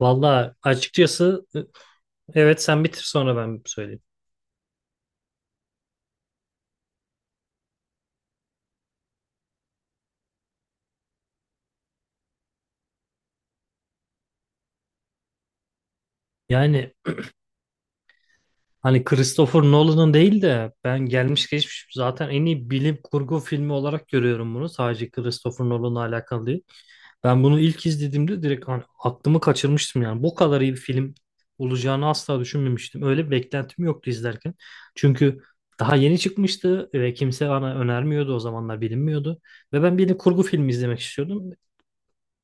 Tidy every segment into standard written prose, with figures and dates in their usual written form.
Valla açıkçası, evet sen bitir sonra ben söyleyeyim. Yani hani Christopher Nolan'ın değil de ben gelmiş geçmiş zaten en iyi bilim kurgu filmi olarak görüyorum bunu. Sadece Christopher Nolan'la alakalı değil. Ben bunu ilk izlediğimde direkt hani aklımı kaçırmıştım yani. Bu kadar iyi bir film olacağını asla düşünmemiştim. Öyle bir beklentim yoktu izlerken. Çünkü daha yeni çıkmıştı ve kimse bana önermiyordu, o zamanlar bilinmiyordu. Ve ben bilim kurgu filmi izlemek istiyordum.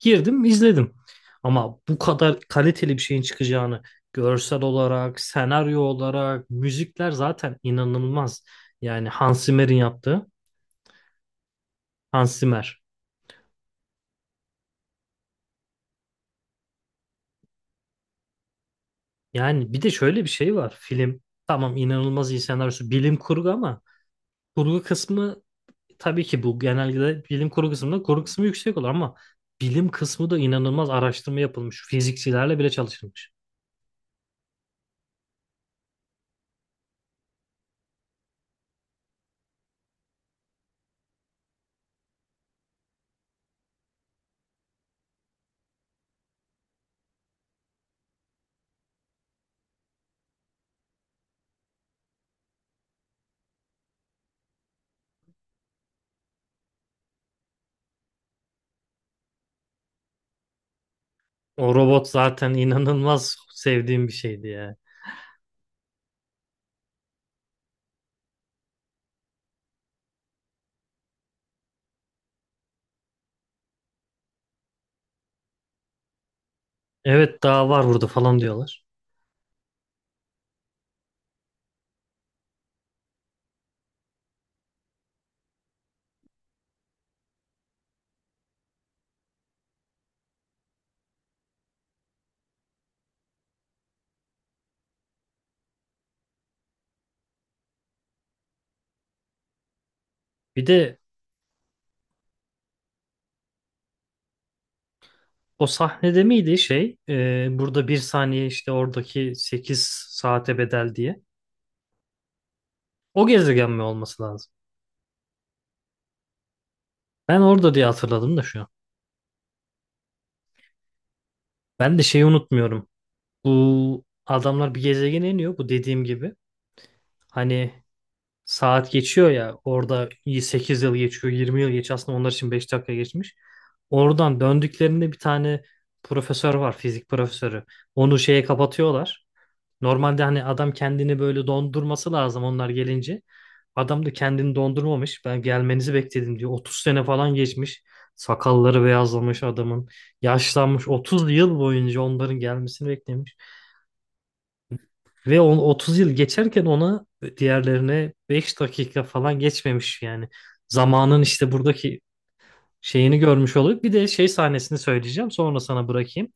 Girdim, izledim. Ama bu kadar kaliteli bir şeyin çıkacağını, görsel olarak, senaryo olarak, müzikler zaten inanılmaz. Yani Hans Zimmer'in yaptığı. Hans Zimmer. Yani bir de şöyle bir şey var. Film tamam, inanılmaz iyi senaryosu, bilim kurgu, ama kurgu kısmı, tabii ki bu genelde bilim kurgu kısmında kurgu kısmı yüksek olur ama bilim kısmı da inanılmaz, araştırma yapılmış. Fizikçilerle bile çalışılmış. O robot zaten inanılmaz sevdiğim bir şeydi ya. Evet, daha var burada falan diyorlar. Bir de o sahnede miydi şey, burada bir saniye, işte oradaki 8 saate bedel diye. O gezegen mi olması lazım? Ben orada diye hatırladım da şu an. Ben de şeyi unutmuyorum. Bu adamlar bir gezegene iniyor, bu dediğim gibi. Hani saat geçiyor ya orada, 8 yıl geçiyor, 20 yıl geçiyor, aslında onlar için 5 dakika geçmiş. Oradan döndüklerinde bir tane profesör var, fizik profesörü. Onu şeye kapatıyorlar. Normalde hani adam kendini böyle dondurması lazım onlar gelince. Adam da kendini dondurmamış. Ben gelmenizi bekledim diyor. 30 sene falan geçmiş. Sakalları beyazlamış adamın. Yaşlanmış. 30 yıl boyunca onların gelmesini beklemiş. Ve on 30 yıl geçerken ona, diğerlerine 5 dakika falan geçmemiş yani. Zamanın işte buradaki şeyini görmüş olup bir de şey sahnesini söyleyeceğim. Sonra sana bırakayım.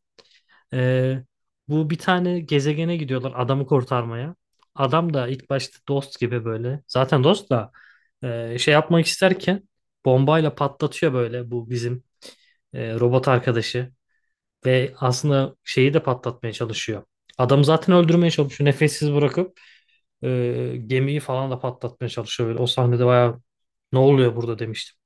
Ee, bu bir tane gezegene gidiyorlar adamı kurtarmaya. Adam da ilk başta dost gibi böyle. Zaten dost da şey yapmak isterken bombayla patlatıyor böyle bu bizim robot arkadaşı. Ve aslında şeyi de patlatmaya çalışıyor. Adamı zaten öldürmeye çalışıyor. Nefessiz bırakıp gemiyi falan da patlatmaya çalışıyor. Böyle. O sahnede bayağı ne oluyor burada demiştim.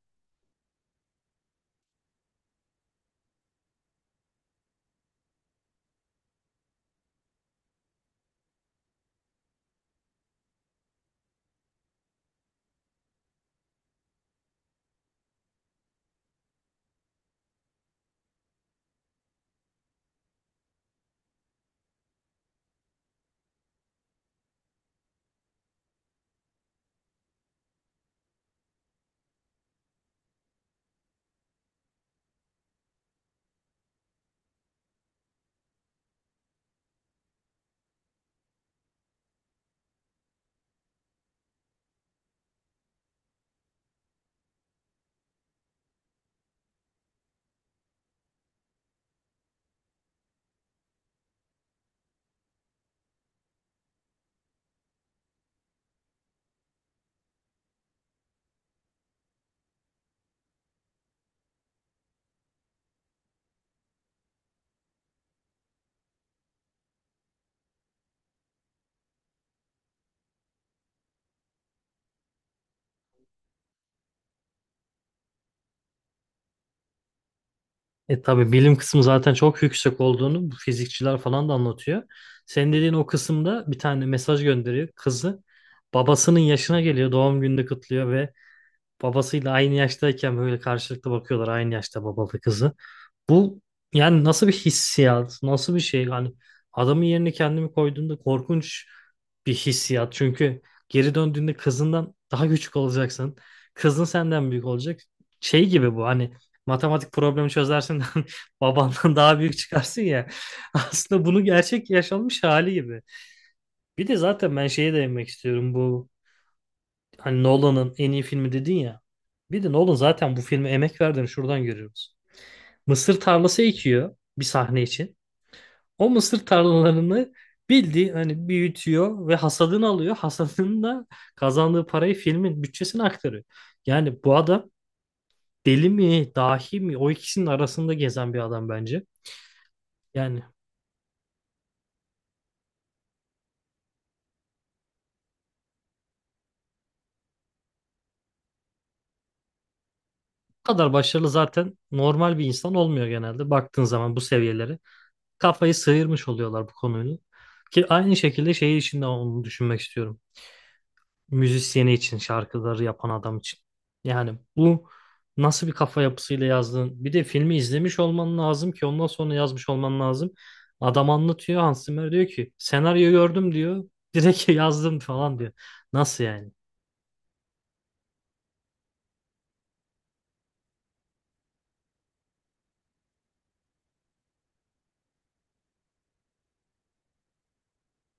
E, tabii bilim kısmı zaten çok yüksek olduğunu bu fizikçiler falan da anlatıyor. Senin dediğin o kısımda bir tane mesaj gönderiyor kızı. Babasının yaşına geliyor, doğum gününde kutluyor ve babasıyla aynı yaştayken böyle karşılıklı bakıyorlar, aynı yaşta babalı kızı. Bu yani nasıl bir hissiyat, nasıl bir şey? Yani adamın yerine kendimi koyduğumda korkunç bir hissiyat. Çünkü geri döndüğünde kızından daha küçük olacaksın. Kızın senden büyük olacak. Şey gibi bu, hani matematik problemi çözersin de babandan daha büyük çıkarsın ya. Aslında bunu gerçek yaşanmış hali gibi. Bir de zaten ben şeye değinmek istiyorum, bu hani Nolan'ın en iyi filmi dedin ya. Bir de Nolan zaten bu filme emek verdiğini şuradan görüyoruz. Mısır tarlası ekiyor bir sahne için. O mısır tarlalarını, bildiği hani, büyütüyor ve hasadını alıyor. Hasadını da kazandığı parayı filmin bütçesine aktarıyor. Yani bu adam deli mi, dahi mi, o ikisinin arasında gezen bir adam bence. Yani bu kadar başarılı zaten normal bir insan olmuyor, genelde baktığın zaman bu seviyelere kafayı sıyırmış oluyorlar bu konuyla. Ki aynı şekilde şey için de onu düşünmek istiyorum. Müzisyeni için, şarkıları yapan adam için. Yani bu nasıl bir kafa yapısıyla yazdığın, bir de filmi izlemiş olman lazım ki ondan sonra yazmış olman lazım. Adam anlatıyor, Hans Zimmer diyor ki senaryo gördüm diyor, direkt yazdım falan diyor. Nasıl yani?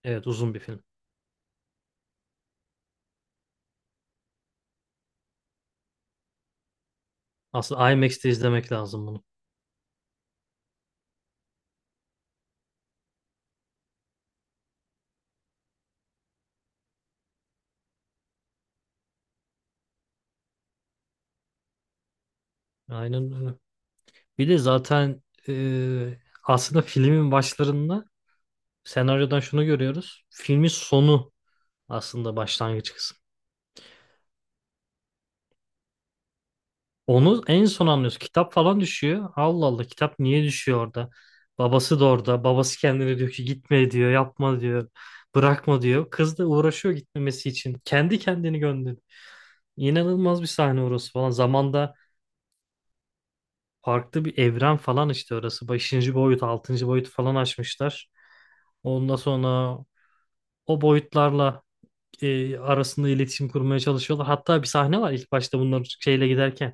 Evet, uzun bir film. Aslında IMAX'te izlemek lazım bunu. Aynen öyle. Bir de zaten e, aslında filmin başlarında senaryodan şunu görüyoruz. Filmin sonu aslında başlangıç kısmı. Onu en son anlıyoruz. Kitap falan düşüyor. Allah Allah, kitap niye düşüyor orada? Babası da orada. Babası kendine diyor ki gitme diyor, yapma diyor, bırakma diyor. Kız da uğraşıyor gitmemesi için. Kendi kendini gönderiyor. İnanılmaz bir sahne orası falan. Zamanda farklı bir evren falan işte orası. Beşinci boyut, altıncı boyut falan açmışlar. Ondan sonra o boyutlarla arasında iletişim kurmaya çalışıyorlar. Hatta bir sahne var ilk başta bunlar şeyle giderken.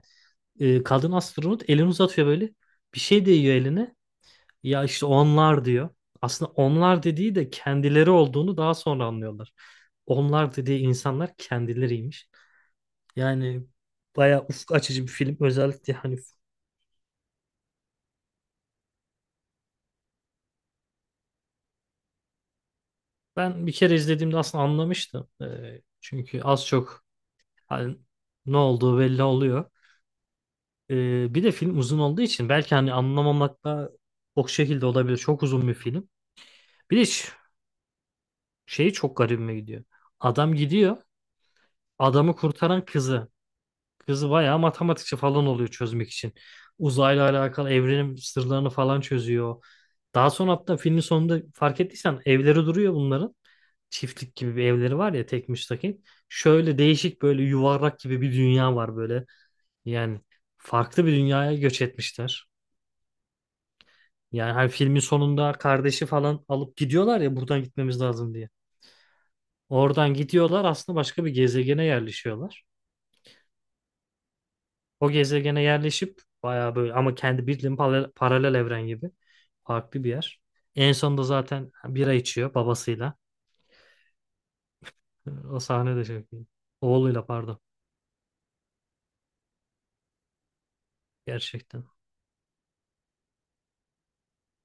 Kadın astronot elini uzatıyor böyle. Bir şey değiyor eline. Ya işte onlar diyor. Aslında onlar dediği de kendileri olduğunu daha sonra anlıyorlar. Onlar dediği insanlar kendileriymiş. Yani bayağı ufuk açıcı bir film. Özellikle hani ben bir kere izlediğimde aslında anlamıştım. Çünkü az çok hani ne olduğu belli oluyor. Bir de film uzun olduğu için belki hani anlamamakta o şekilde olabilir. Çok uzun bir film. Bir de şeyi çok garibime gidiyor. Adam gidiyor. Adamı kurtaran kızı. Kızı bayağı matematikçi falan oluyor çözmek için. Uzayla alakalı evrenin sırlarını falan çözüyor. Daha sonra hatta filmin sonunda fark ettiysen evleri duruyor bunların. Çiftlik gibi bir evleri var ya, tek müstakil. Şöyle değişik böyle yuvarlak gibi bir dünya var böyle. Yani farklı bir dünyaya göç etmişler. Yani hani filmin sonunda kardeşi falan alıp gidiyorlar ya, buradan gitmemiz lazım diye. Oradan gidiyorlar, aslında başka bir gezegene yerleşiyorlar. O gezegene yerleşip bayağı böyle, ama kendi bildiğin paralel evren gibi farklı bir yer. En sonunda zaten bira içiyor babasıyla. O sahne de çok iyi. Oğluyla, pardon. Gerçekten.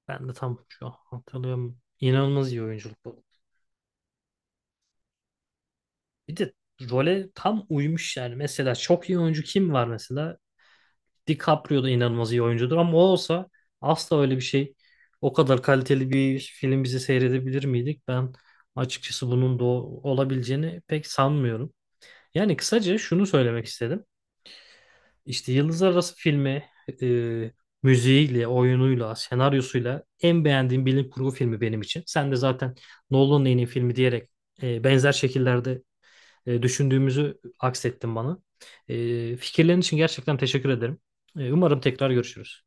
Ben de tam şu an hatırlıyorum. İnanılmaz iyi oyunculuk bu. Bir de role tam uymuş yani. Mesela çok iyi oyuncu kim var mesela? DiCaprio da inanılmaz iyi oyuncudur ama o olsa asla öyle bir şey, o kadar kaliteli bir film bizi seyredebilir miydik? Ben açıkçası bunun da olabileceğini pek sanmıyorum. Yani kısaca şunu söylemek istedim. İşte Yıldızlar Arası filmi, e, müziğiyle, oyunuyla, senaryosuyla en beğendiğim bilim kurgu filmi benim için. Sen de zaten Nolan'ın en iyi filmi diyerek benzer şekillerde düşündüğümüzü aksettin bana. Fikirlerin için gerçekten teşekkür ederim. Umarım tekrar görüşürüz.